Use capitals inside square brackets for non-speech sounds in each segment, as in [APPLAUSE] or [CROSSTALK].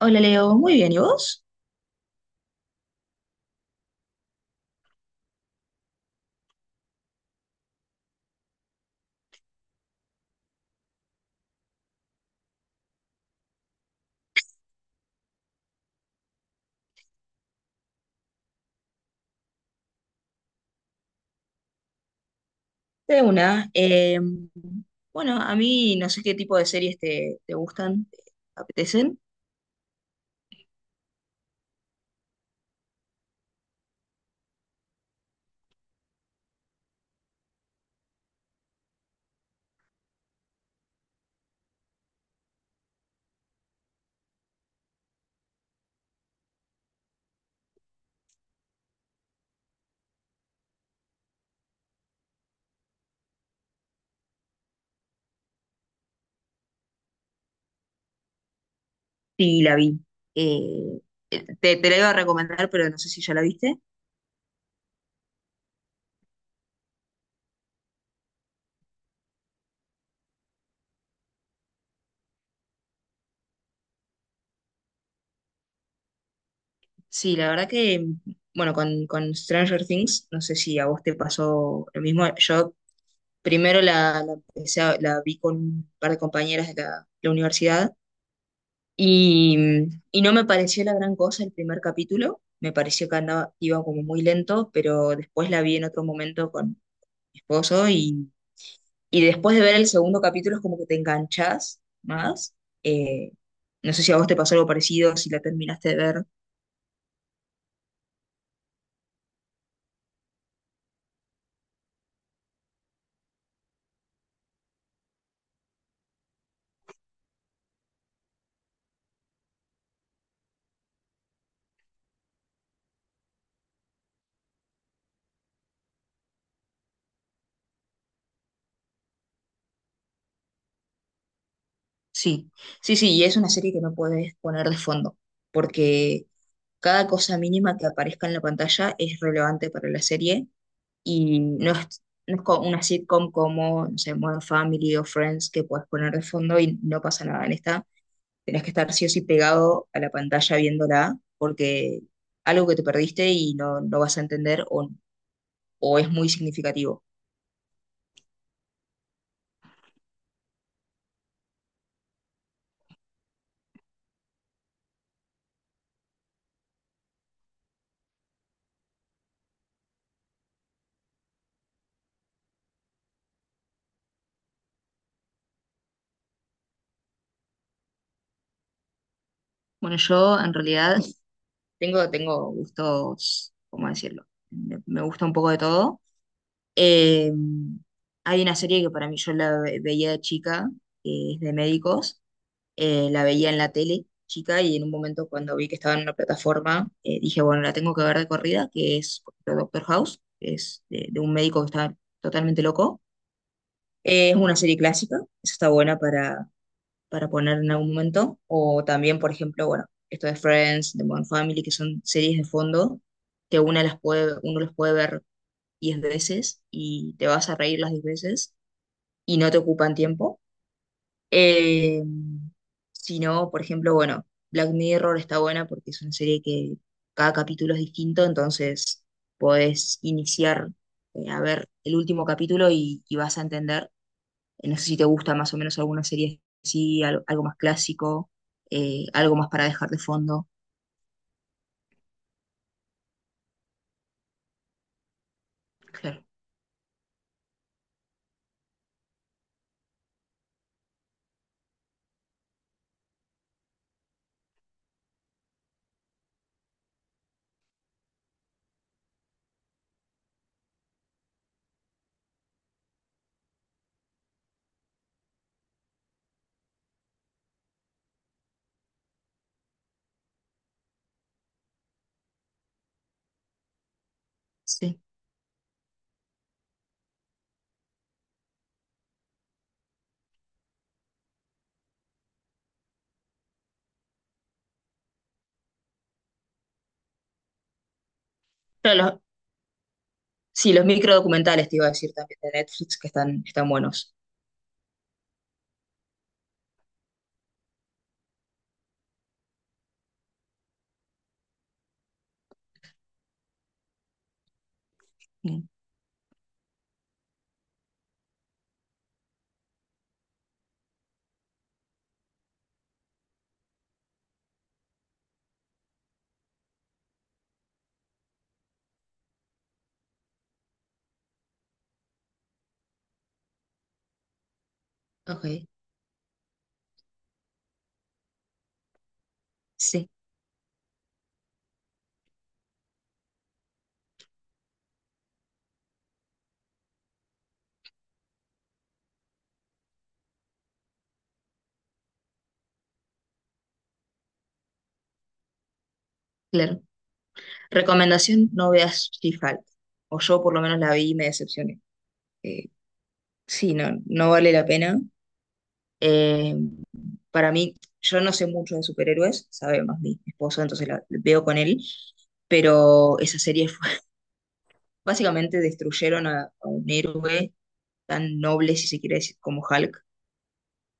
Hola Leo, muy bien, ¿y vos? De una. Bueno, a mí no sé qué tipo de series te gustan, te apetecen. Sí, la vi. Eh, te la iba a recomendar, pero no sé si ya la viste. Sí, la verdad que, bueno, con Stranger Things, no sé si a vos te pasó lo mismo. Yo primero la la vi con un par de compañeras de la universidad. Y, y no me pareció la gran cosa el primer capítulo, me pareció que andaba, iba como muy lento, pero después la vi en otro momento con mi esposo y después de ver el segundo capítulo es como que te enganchas más. Eh, no sé si a vos te pasó algo parecido, si la terminaste de ver. Sí, sí, sí, y es una serie que no puedes poner de fondo, porque cada cosa mínima que aparezca en la pantalla es relevante para la serie y no es como una sitcom como, no sé, Modern Family o Friends que puedes poner de fondo y no pasa nada. En esta tenés que estar sí o sí pegado a la pantalla viéndola porque algo que te perdiste y no, no vas a entender o es muy significativo. Bueno, yo en realidad [LAUGHS] tengo gustos, ¿cómo decirlo? Me gusta un poco de todo. Eh, Hay una serie que para mí yo veía de chica, que es de médicos. La veía en la tele chica y en un momento cuando vi que estaba en una plataforma, dije, bueno, la tengo que ver de corrida, que es por ejemplo, Doctor House, que es de un médico que está totalmente loco. Es una serie clásica, esa está buena para poner en algún momento. O también, por ejemplo, bueno, esto de Friends, de Modern Family, que son series de fondo que uno las puede ver 10 veces y te vas a reír las 10 veces y no te ocupan tiempo. Eh, si no, por ejemplo, bueno, Black Mirror está buena porque es una serie que cada capítulo es distinto, entonces podés iniciar a ver el último capítulo y vas a entender. No sé si te gusta más o menos alguna serie así, algo más clásico, algo más para dejar de fondo. Claro, sí. Claro, sí, los microdocumentales te iba a decir también de Netflix que están buenos. Mm, ok, sí, claro. Recomendación, no veas si falta. O yo por lo menos la vi y me decepcioné. Eh, sí, no, no vale la pena. Eh, para mí, yo no sé mucho de superhéroes, sabe más mi esposo, entonces la veo con él. Pero esa serie [LAUGHS] básicamente destruyeron a un héroe tan noble, si se quiere decir, como Hulk.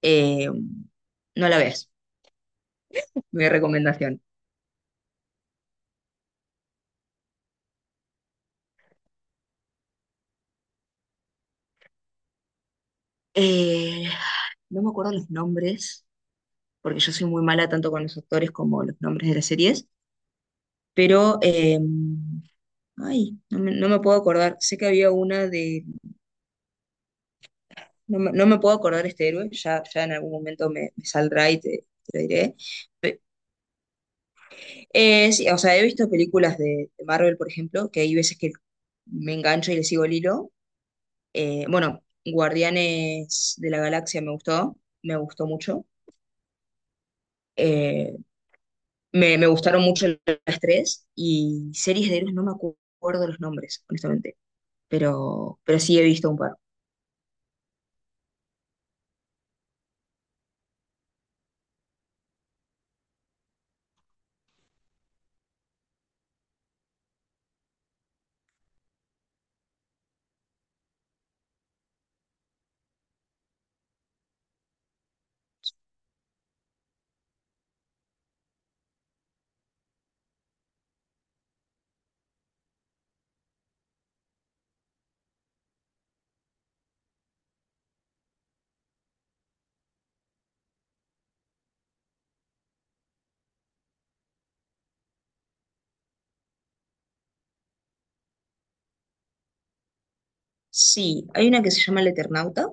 Eh, no la veas, mi recomendación. Eh, no me acuerdo los nombres, porque yo soy muy mala tanto con los actores como los nombres de las series. Pero, ay, no me puedo acordar, sé que había no me puedo acordar este héroe, ya, ya en algún momento me saldrá y te lo diré. Sí, o sea, he visto películas de Marvel, por ejemplo, que hay veces que me engancho y le sigo el hilo. Bueno, Guardianes de la Galaxia me gustó mucho. Eh, me gustaron mucho las tres y series de héroes no me acuerdo los nombres, honestamente, pero sí he visto un par. Sí, hay una que se llama El Eternauta,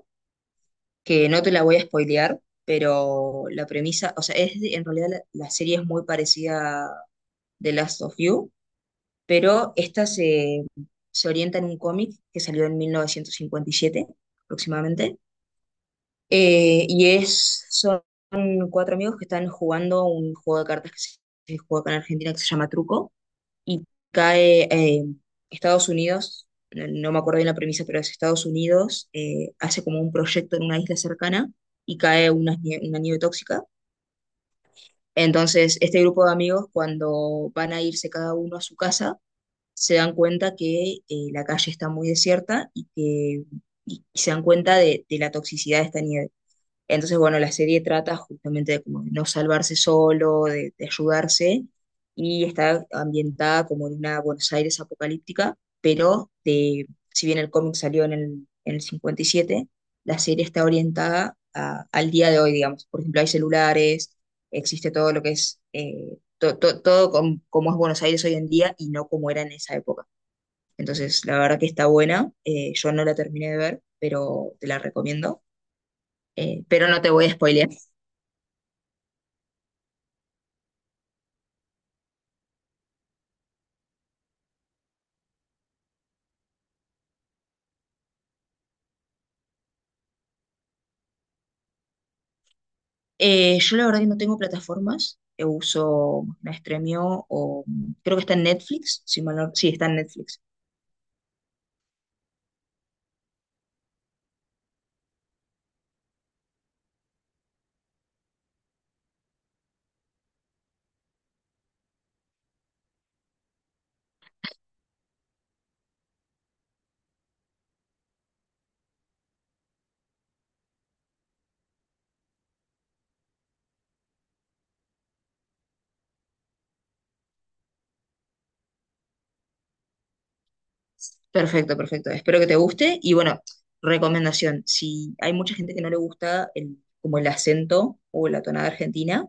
que no te la voy a spoilear, pero la premisa, o sea, en realidad la serie es muy parecida a The Last of You, pero esta se orienta en un cómic que salió en 1957 aproximadamente, y son cuatro amigos que están jugando un juego de cartas que se juega acá en Argentina que se llama Truco, y cae Estados Unidos, no, no me acuerdo bien la premisa, pero es Estados Unidos, hace como un proyecto en una isla cercana y cae una nieve tóxica. Entonces, este grupo de amigos, cuando van a irse cada uno a su casa, se dan cuenta que la calle está muy desierta y que y se dan cuenta de la toxicidad de esta nieve. Entonces, bueno, la serie trata justamente como de no salvarse solo, de ayudarse, y está ambientada como en una Buenos Aires apocalíptica, pero si bien el cómic salió en el 57, la serie está orientada al día de hoy, digamos. Por ejemplo, hay celulares, existe todo lo que es, todo como es Buenos Aires hoy en día y no como era en esa época. Entonces, la verdad que está buena, yo no la terminé de ver, pero te la recomiendo. Pero no te voy a spoilear. Yo la verdad que no tengo plataformas, yo uso la Stremio o creo que está en Netflix, si mal no- sí, está en Netflix. Perfecto, perfecto. Espero que te guste y bueno, recomendación, si hay mucha gente que no le gusta como el acento o la tonada argentina.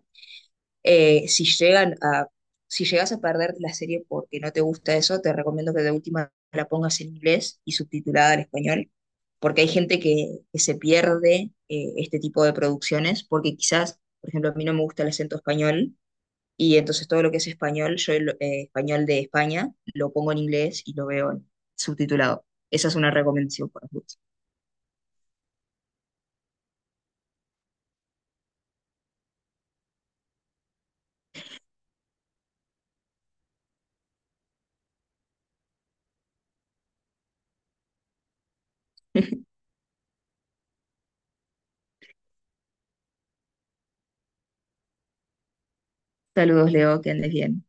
Eh, si llegan a, si llegas a perder la serie porque no te gusta eso, te recomiendo que de última la pongas en inglés y subtitulada al español, porque hay gente que se pierde este tipo de producciones, porque quizás, por ejemplo, a mí no me gusta el acento español, y entonces todo lo que es español, yo el español de España, lo pongo en inglés y lo veo subtitulado. Esa es una recomendación para vos. [LAUGHS] Saludos, Leo, que andes bien.